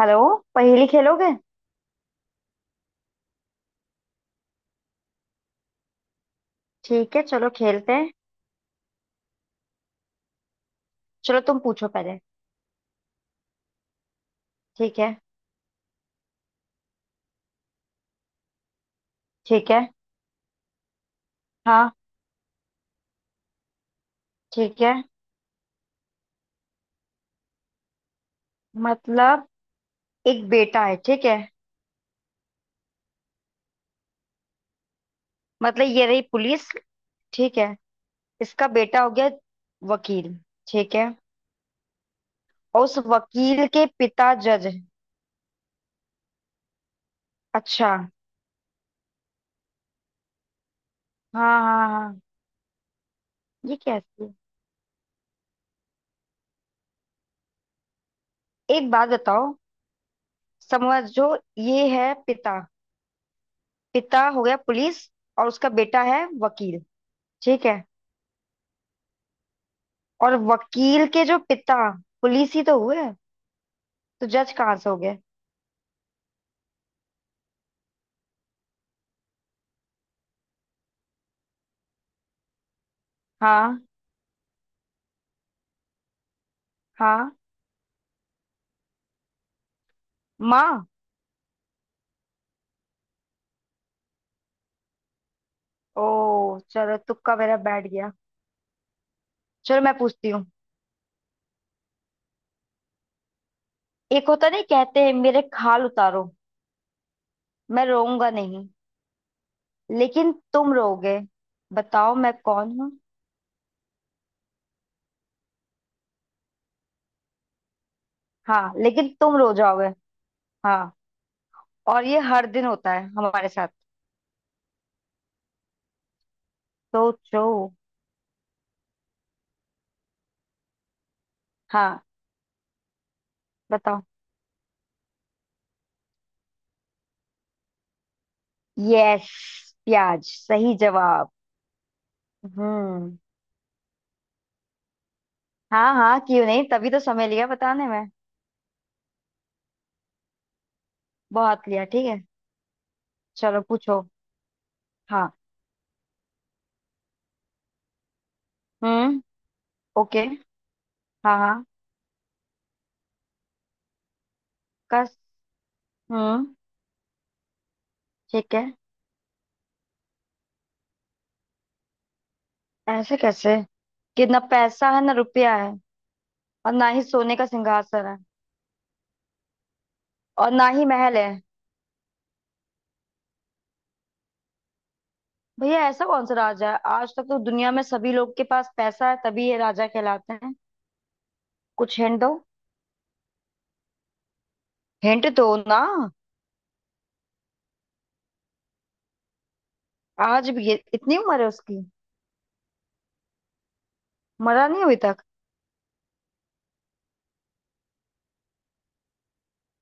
Hello. पहेली खेलोगे? ठीक है, चलो खेलते हैं। चलो तुम पूछो पहले। ठीक है। ठीक है। हाँ। ठीक है। मतलब एक बेटा है, ठीक है। मतलब ये रही पुलिस, ठीक है। इसका बेटा हो गया वकील, ठीक है। और उस वकील के पिता जज है? अच्छा। हाँ हाँ हाँ। ये कैसी है? एक बात बताओ, समझो। ये है पिता। पिता हो गया पुलिस और उसका बेटा है वकील, ठीक है। और वकील के जो पिता, पुलिस ही तो हुए, तो जज कहाँ से हो गए? हाँ हाँ। माँ। ओ, चलो तुक्का मेरा बैठ गया। चलो मैं पूछती हूँ। एक होता नहीं, कहते हैं मेरे खाल उतारो, मैं रोऊंगा नहीं, लेकिन तुम रोओगे। बताओ मैं कौन हूँ? हाँ, लेकिन तुम रो जाओगे। हाँ, और ये हर दिन होता है हमारे साथ। सोचो। हाँ, बताओ। यस, प्याज सही जवाब। हम्म। हाँ हाँ, क्यों नहीं? तभी तो समय लिया बताने में। बहुत लिया, ठीक है। चलो पूछो। हाँ। हम्म। ओके। हाँ हाँ। कस। हम्म। ठीक है। ऐसे कैसे कि ना पैसा है ना रुपया है, और ना ही सोने का सिंहासन है, और ना ही महल है? भैया ऐसा कौन सा राजा है? आज तक तो दुनिया में सभी लोग के पास पैसा है तभी ये राजा कहलाते हैं। कुछ हिंट दो। हिंट दो ना। आज भी ये, इतनी उम्र है उसकी? मरा नहीं अभी तक?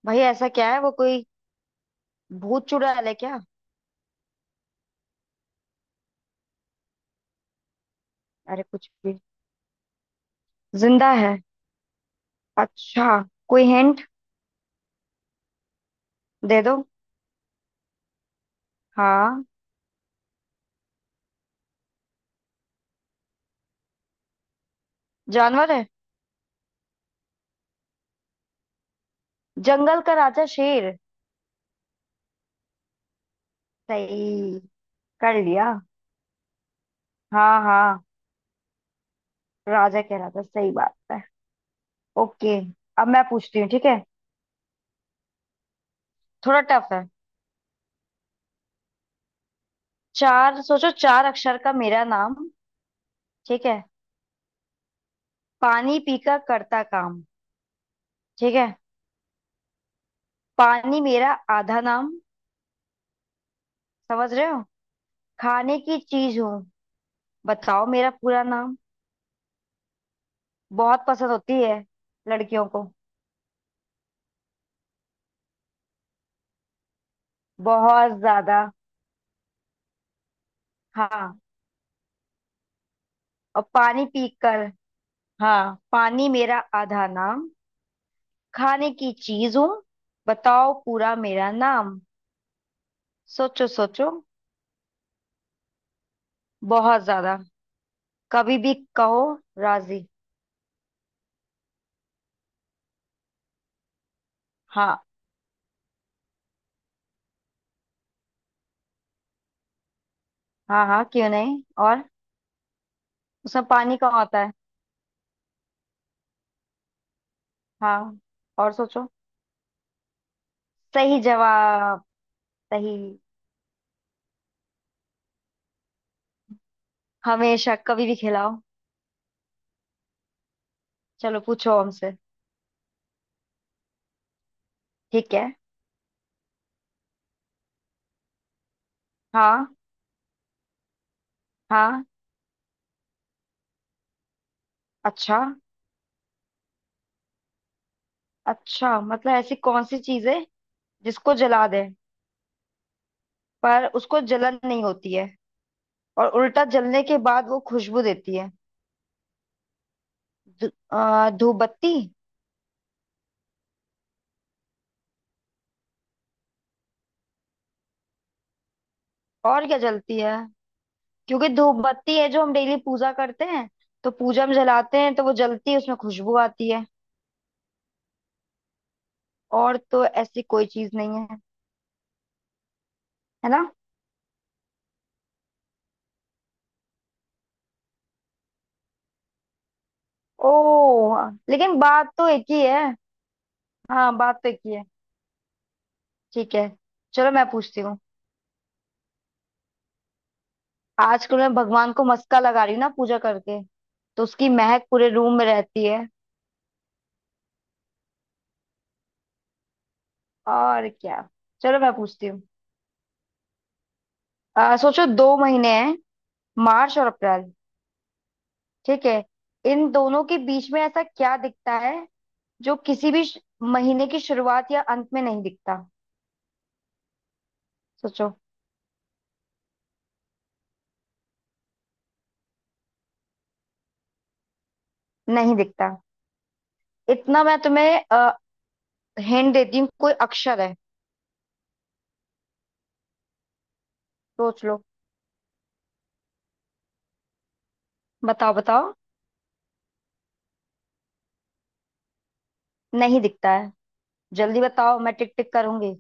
भैया ऐसा क्या है? वो कोई भूत चुड़ैल है क्या? अरे कुछ भी। जिंदा है? अच्छा। कोई हिंट दे दो। हाँ। जानवर है? जंगल का राजा शेर। सही। कर लिया। हाँ हाँ, राजा कह रहा था, सही बात है। ओके, अब मैं पूछती हूँ, ठीक है। थोड़ा टफ है। चार, सोचो, चार अक्षर का मेरा नाम। ठीक है। पानी पीकर करता काम। ठीक है। पानी मेरा आधा नाम। समझ रहे हो? खाने की चीज हूँ, बताओ मेरा पूरा नाम। बहुत पसंद होती है लड़कियों को। बहुत ज्यादा। हाँ। और पानी पीकर, हाँ, पानी मेरा आधा नाम, खाने की चीज हूँ, बताओ पूरा मेरा नाम। सोचो सोचो। बहुत ज्यादा। कभी भी कहो राजी। हाँ हाँ, हाँ क्यों नहीं। और उसमें पानी कहाँ होता है? हाँ। और सोचो। सही जवाब। सही। हमेशा, कभी भी खिलाओ। चलो पूछो हमसे। ठीक है। हाँ। हाँ। अच्छा। अच्छा, मतलब ऐसी कौन सी चीज है जिसको जला दे, पर उसको जलन नहीं होती है, और उल्टा जलने के बाद वो खुशबू देती है। धूपबत्ती। और क्या जलती है? क्योंकि धूपबत्ती है जो हम डेली पूजा करते हैं, तो पूजा में जलाते हैं तो वो जलती है, उसमें खुशबू आती है। और तो ऐसी कोई चीज नहीं है। है ना? ओ, लेकिन बात तो एक ही है। हाँ, बात तो एक ही है। ठीक है, चलो मैं पूछती हूँ। आजकल मैं भगवान को मस्का लगा रही हूँ ना पूजा करके, तो उसकी महक पूरे रूम में रहती है। और क्या। चलो मैं पूछती हूँ। सोचो, दो महीने हैं, मार्च और अप्रैल। ठीक है। इन दोनों के बीच में ऐसा क्या दिखता है जो किसी भी महीने की शुरुआत या अंत में नहीं दिखता? सोचो। नहीं दिखता। इतना मैं तुम्हें हिंट देती हूँ, कोई अक्षर है। सोच लो। बताओ बताओ। नहीं दिखता है। जल्दी बताओ, मैं टिक टिक करूंगी।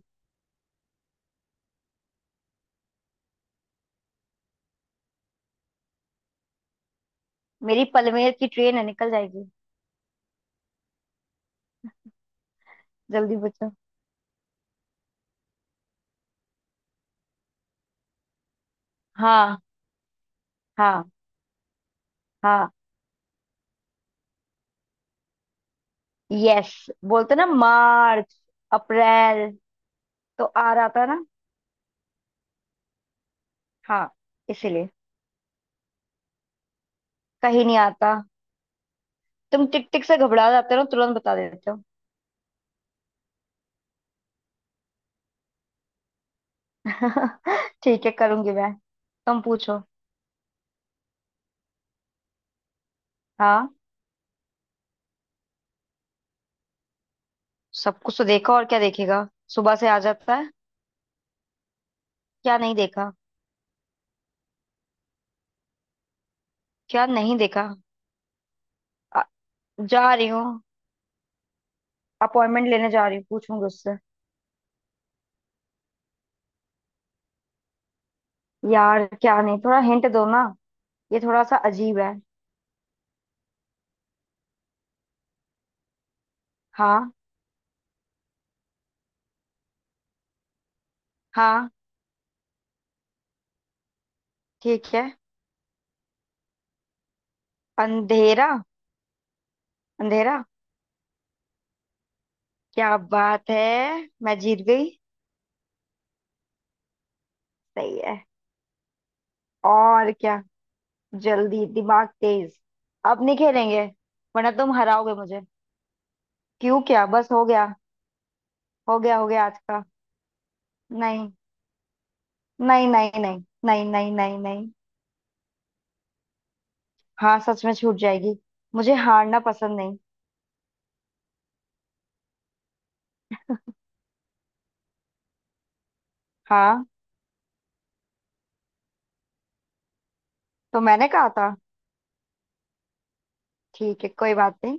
मेरी पलमेर की ट्रेन है, निकल जाएगी। जल्दी बच्चों। हाँ। हाँ। हाँ। यस। बोलते ना, मार्च, अप्रैल। तो आ रहा था ना। हाँ, इसीलिए कहीं नहीं आता। तुम टिक टिक से घबरा जाते हो, तुरंत बता देते हो। ठीक है, करूंगी मैं। तुम पूछो। हाँ। सब कुछ तो देखा, और क्या देखेगा? सुबह से आ जाता है। क्या नहीं देखा? क्या नहीं देखा? आ, जा रही हूँ, अपॉइंटमेंट लेने जा रही हूँ, पूछूंगी उससे। यार क्या नहीं, थोड़ा हिंट दो ना, ये थोड़ा सा अजीब है। हाँ। हाँ। ठीक है। अंधेरा। अंधेरा। क्या बात है, मैं जीत गई। सही है। और क्या। जल्दी दिमाग तेज। अब नहीं खेलेंगे, वरना तुम हराओगे मुझे। क्यों, क्या बस हो गया? हो गया हो गया, आज का। नहीं। नहीं नहीं नहीं नहीं नहीं नहीं नहीं। हाँ सच में छूट जाएगी। मुझे हारना पसंद नहीं। हाँ, तो मैंने कहा था। ठीक है, कोई बात नहीं।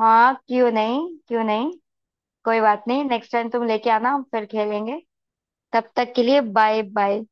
हाँ क्यों नहीं, क्यों नहीं। कोई बात नहीं, नेक्स्ट टाइम तुम लेके आना, हम फिर खेलेंगे। तब तक के लिए, बाय बाय।